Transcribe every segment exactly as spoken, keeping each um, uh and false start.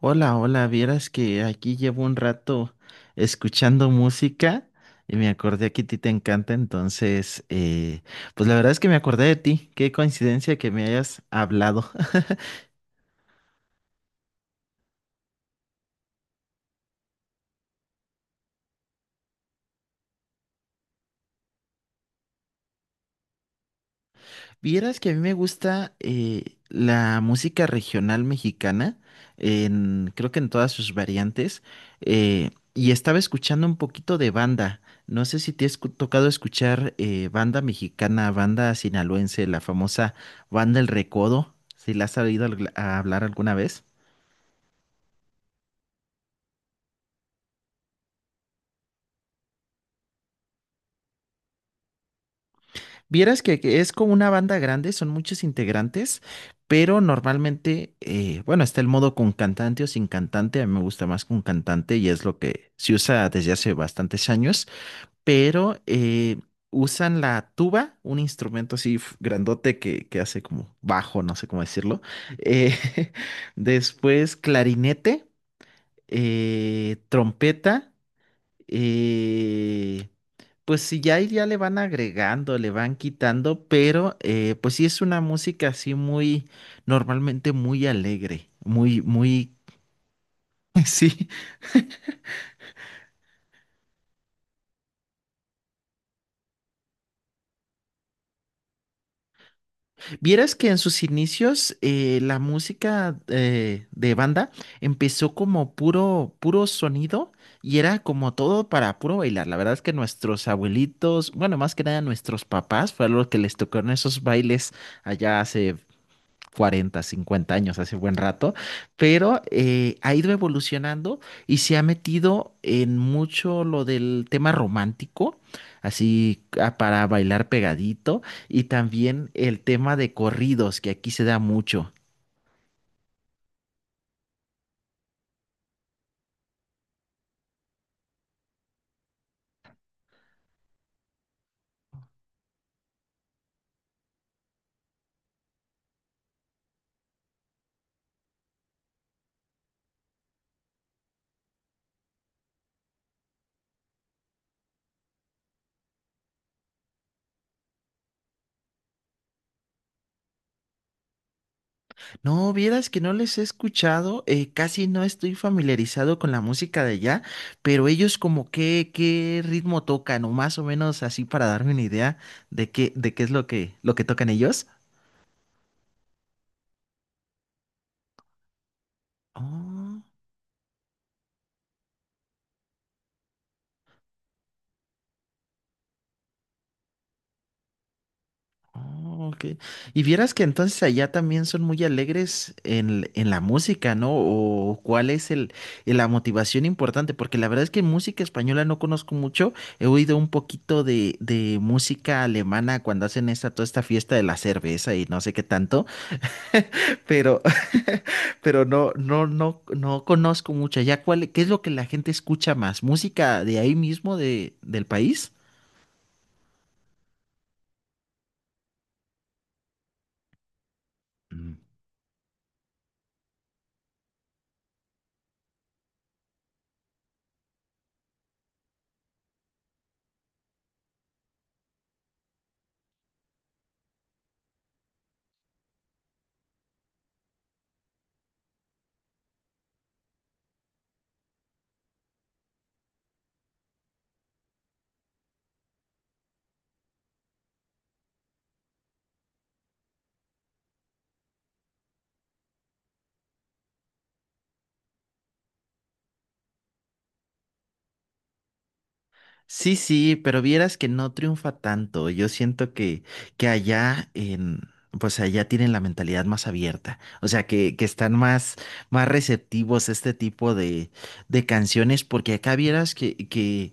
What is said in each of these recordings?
Hola, hola, vieras que aquí llevo un rato escuchando música y me acordé que a ti te encanta. Entonces, eh, pues la verdad es que me acordé de ti. Qué coincidencia que me hayas hablado. Vieras que a mí me gusta eh, la música regional mexicana, en, creo que en todas sus variantes. Eh, y estaba escuchando un poquito de banda. No sé si te has tocado escuchar eh, banda mexicana, banda sinaloense, la famosa banda El Recodo, si la has oído al- a hablar alguna vez. Vieras que, que es como una banda grande, son muchos integrantes. Pero normalmente, eh, bueno, está el modo con cantante o sin cantante. A mí me gusta más con cantante y es lo que se usa desde hace bastantes años. Pero eh, usan la tuba, un instrumento así f- grandote que, que hace como bajo, no sé cómo decirlo. eh, Después clarinete, eh, trompeta. Eh, pues sí, ya, ahí ya le van agregando, le van quitando. Pero eh, pues sí es una música así muy, normalmente muy alegre, muy, muy, sí. Vieras que en sus inicios eh, la música eh, de banda empezó como puro, puro sonido y era como todo para puro bailar. La verdad es que nuestros abuelitos, bueno, más que nada nuestros papás, fue a los que les tocaron esos bailes allá hace cuarenta, cincuenta años, hace buen rato. Pero eh, ha ido evolucionando y se ha metido en mucho lo del tema romántico, así ah, para bailar pegadito. Y también el tema de corridos, que aquí se da mucho. No, vieras que no les he escuchado, eh, casi no estoy familiarizado con la música de allá. Pero ellos como que, ¿qué ritmo tocan, o más o menos así para darme una idea de qué, de qué es lo que, lo que tocan ellos? Oh. Oh, ok. Y vieras que entonces allá también son muy alegres en, en la música, ¿no? ¿O cuál es el, la motivación importante? Porque la verdad es que música española no conozco mucho. He oído un poquito de, de música alemana cuando hacen esta, toda esta fiesta de la cerveza y no sé qué tanto. Pero, pero no, no, no, no conozco mucho. ¿Allá cuál, qué es lo que la gente escucha más? ¿Música de ahí mismo, de, del país? Mm. Sí, sí, pero vieras que no triunfa tanto. Yo siento que, que allá en, pues allá tienen la mentalidad más abierta. O sea, que, que están más, más receptivos a este tipo de, de canciones, porque acá vieras que, que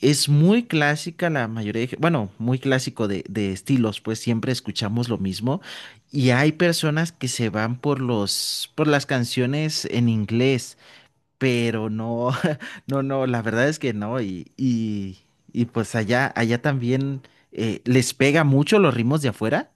es muy clásica la mayoría de, bueno, muy clásico de, de estilos, pues siempre escuchamos lo mismo. Y hay personas que se van por los, por las canciones en inglés, pero no, no, no, la verdad es que no. Y, y, y pues allá, allá también eh, les pega mucho los ritmos de afuera.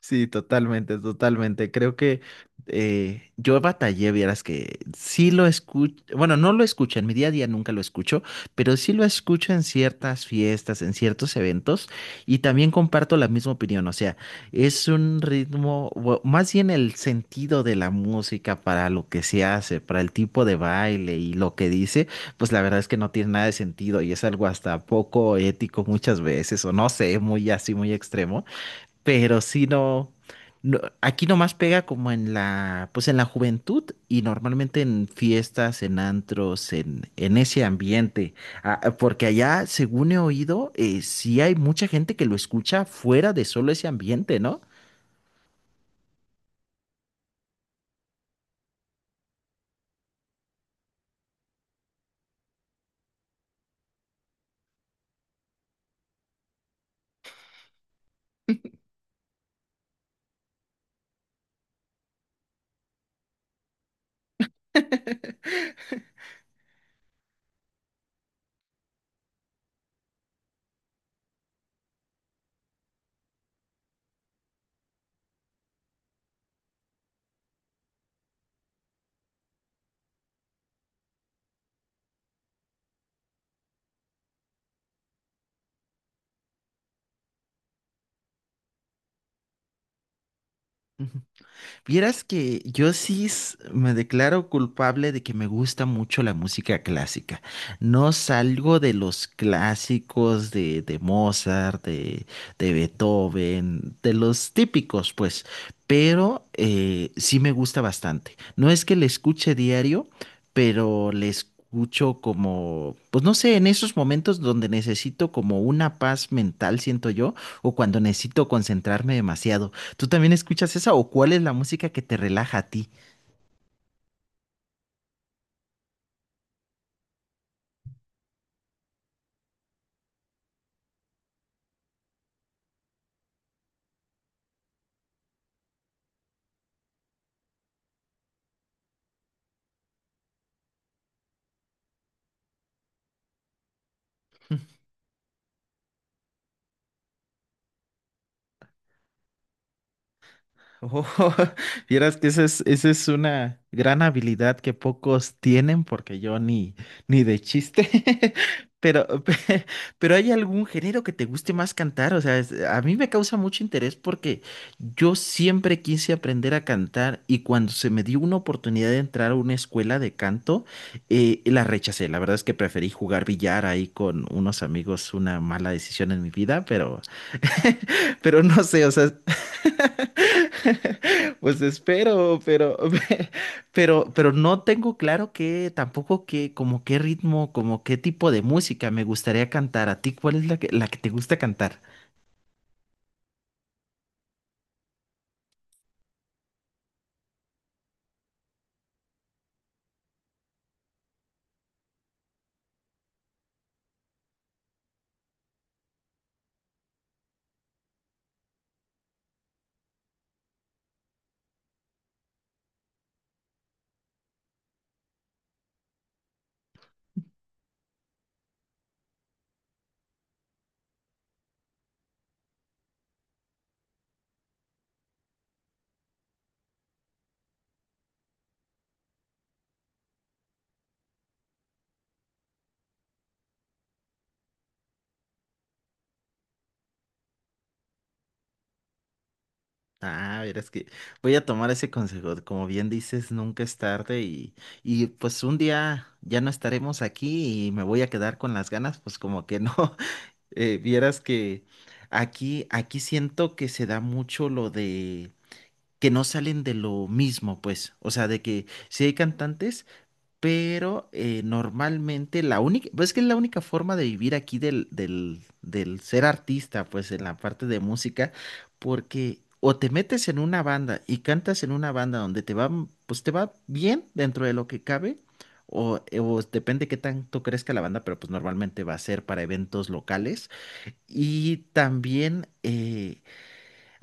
Sí, totalmente, totalmente. Creo que eh, yo batallé, vieras que sí lo escucho, bueno, no lo escucho, en mi día a día nunca lo escucho, pero sí lo escucho en ciertas fiestas, en ciertos eventos, y también comparto la misma opinión. O sea, es un ritmo, o más bien el sentido de la música para lo que se hace, para el tipo de baile y lo que dice, pues la verdad es que no tiene nada de sentido y es algo hasta poco ético muchas veces, o no sé, muy así, muy extremo. Pero si no, no- aquí nomás pega como en la, pues en la juventud y normalmente en fiestas, en antros, en, en ese ambiente. Ah, ah, porque allá, según he oído, eh, sí hay mucha gente que lo escucha fuera de solo ese ambiente, ¿no? Vieras que yo sí s- me declaro culpable de que me gusta mucho la música clásica. No salgo de los clásicos de, de Mozart, de, de Beethoven, de los típicos, pues. Pero eh, sí me gusta bastante. No es que le escuche diario, pero le escucho como, pues no sé, en esos momentos donde necesito como una paz mental, siento yo, o cuando necesito concentrarme demasiado. ¿Tú también escuchas esa o cuál es la música que te relaja a ti? Oh, vieras que esa es, esa es una gran habilidad que pocos tienen, porque yo ni, ni de chiste. Pero, pe- pero ¿hay algún género que te guste más cantar? O sea, es- a mí me causa mucho interés porque yo siempre quise aprender a cantar y cuando se me dio una oportunidad de entrar a una escuela de canto, eh, la rechacé. La verdad es que preferí jugar billar ahí con unos amigos, una mala decisión en mi vida. Pero no sé, o sea, pues espero, pero, pero, pero no tengo claro que tampoco que, como qué ritmo, como qué tipo de música me gustaría cantar. ¿A ti cuál es la que, la que te gusta cantar? Ah, verás que voy a tomar ese consejo. Como bien dices, nunca es tarde. Y, y pues un día ya no estaremos aquí y me voy a quedar con las ganas, pues como que no. Eh, vieras que aquí, aquí siento que se da mucho lo de que no salen de lo mismo, pues. O sea, de que sí hay cantantes, pero eh, normalmente la única, pues es que es la única forma de vivir aquí del, del, del ser artista, pues en la parte de música, porque o te metes en una banda y cantas en una banda donde te va, pues te va bien dentro de lo que cabe. O, eh, o depende qué tanto crezca la banda, pero pues normalmente va a ser para eventos locales. Y también eh,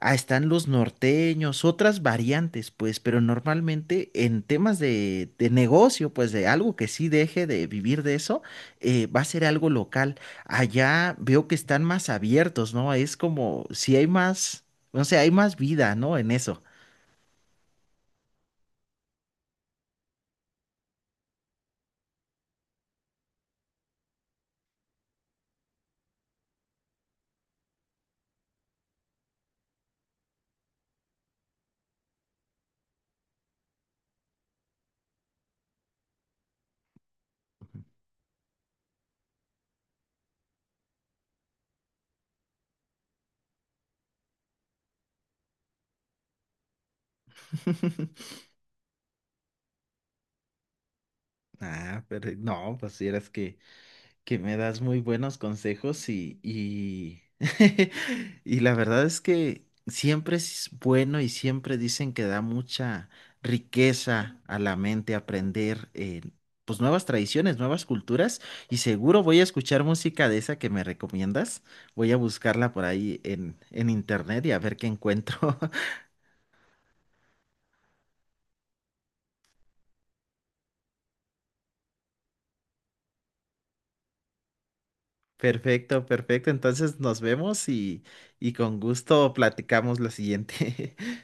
Ah, están los norteños, otras variantes, pues, pero normalmente en temas de, de negocio, pues de algo que sí deje de vivir de eso, eh, va a ser algo local. Allá veo que están más abiertos, ¿no? Es como si hay más, no sé, hay más vida, ¿no? En eso. Ah, pero no, pues si eres que... que me das muy buenos consejos y, y, y la verdad es que siempre es bueno y siempre dicen que da mucha riqueza a la mente aprender eh, pues nuevas tradiciones, nuevas culturas y seguro voy a escuchar música de esa que me recomiendas. Voy a buscarla por ahí en, en internet y a ver qué encuentro. Perfecto, perfecto. Entonces nos vemos y, y con gusto platicamos la siguiente.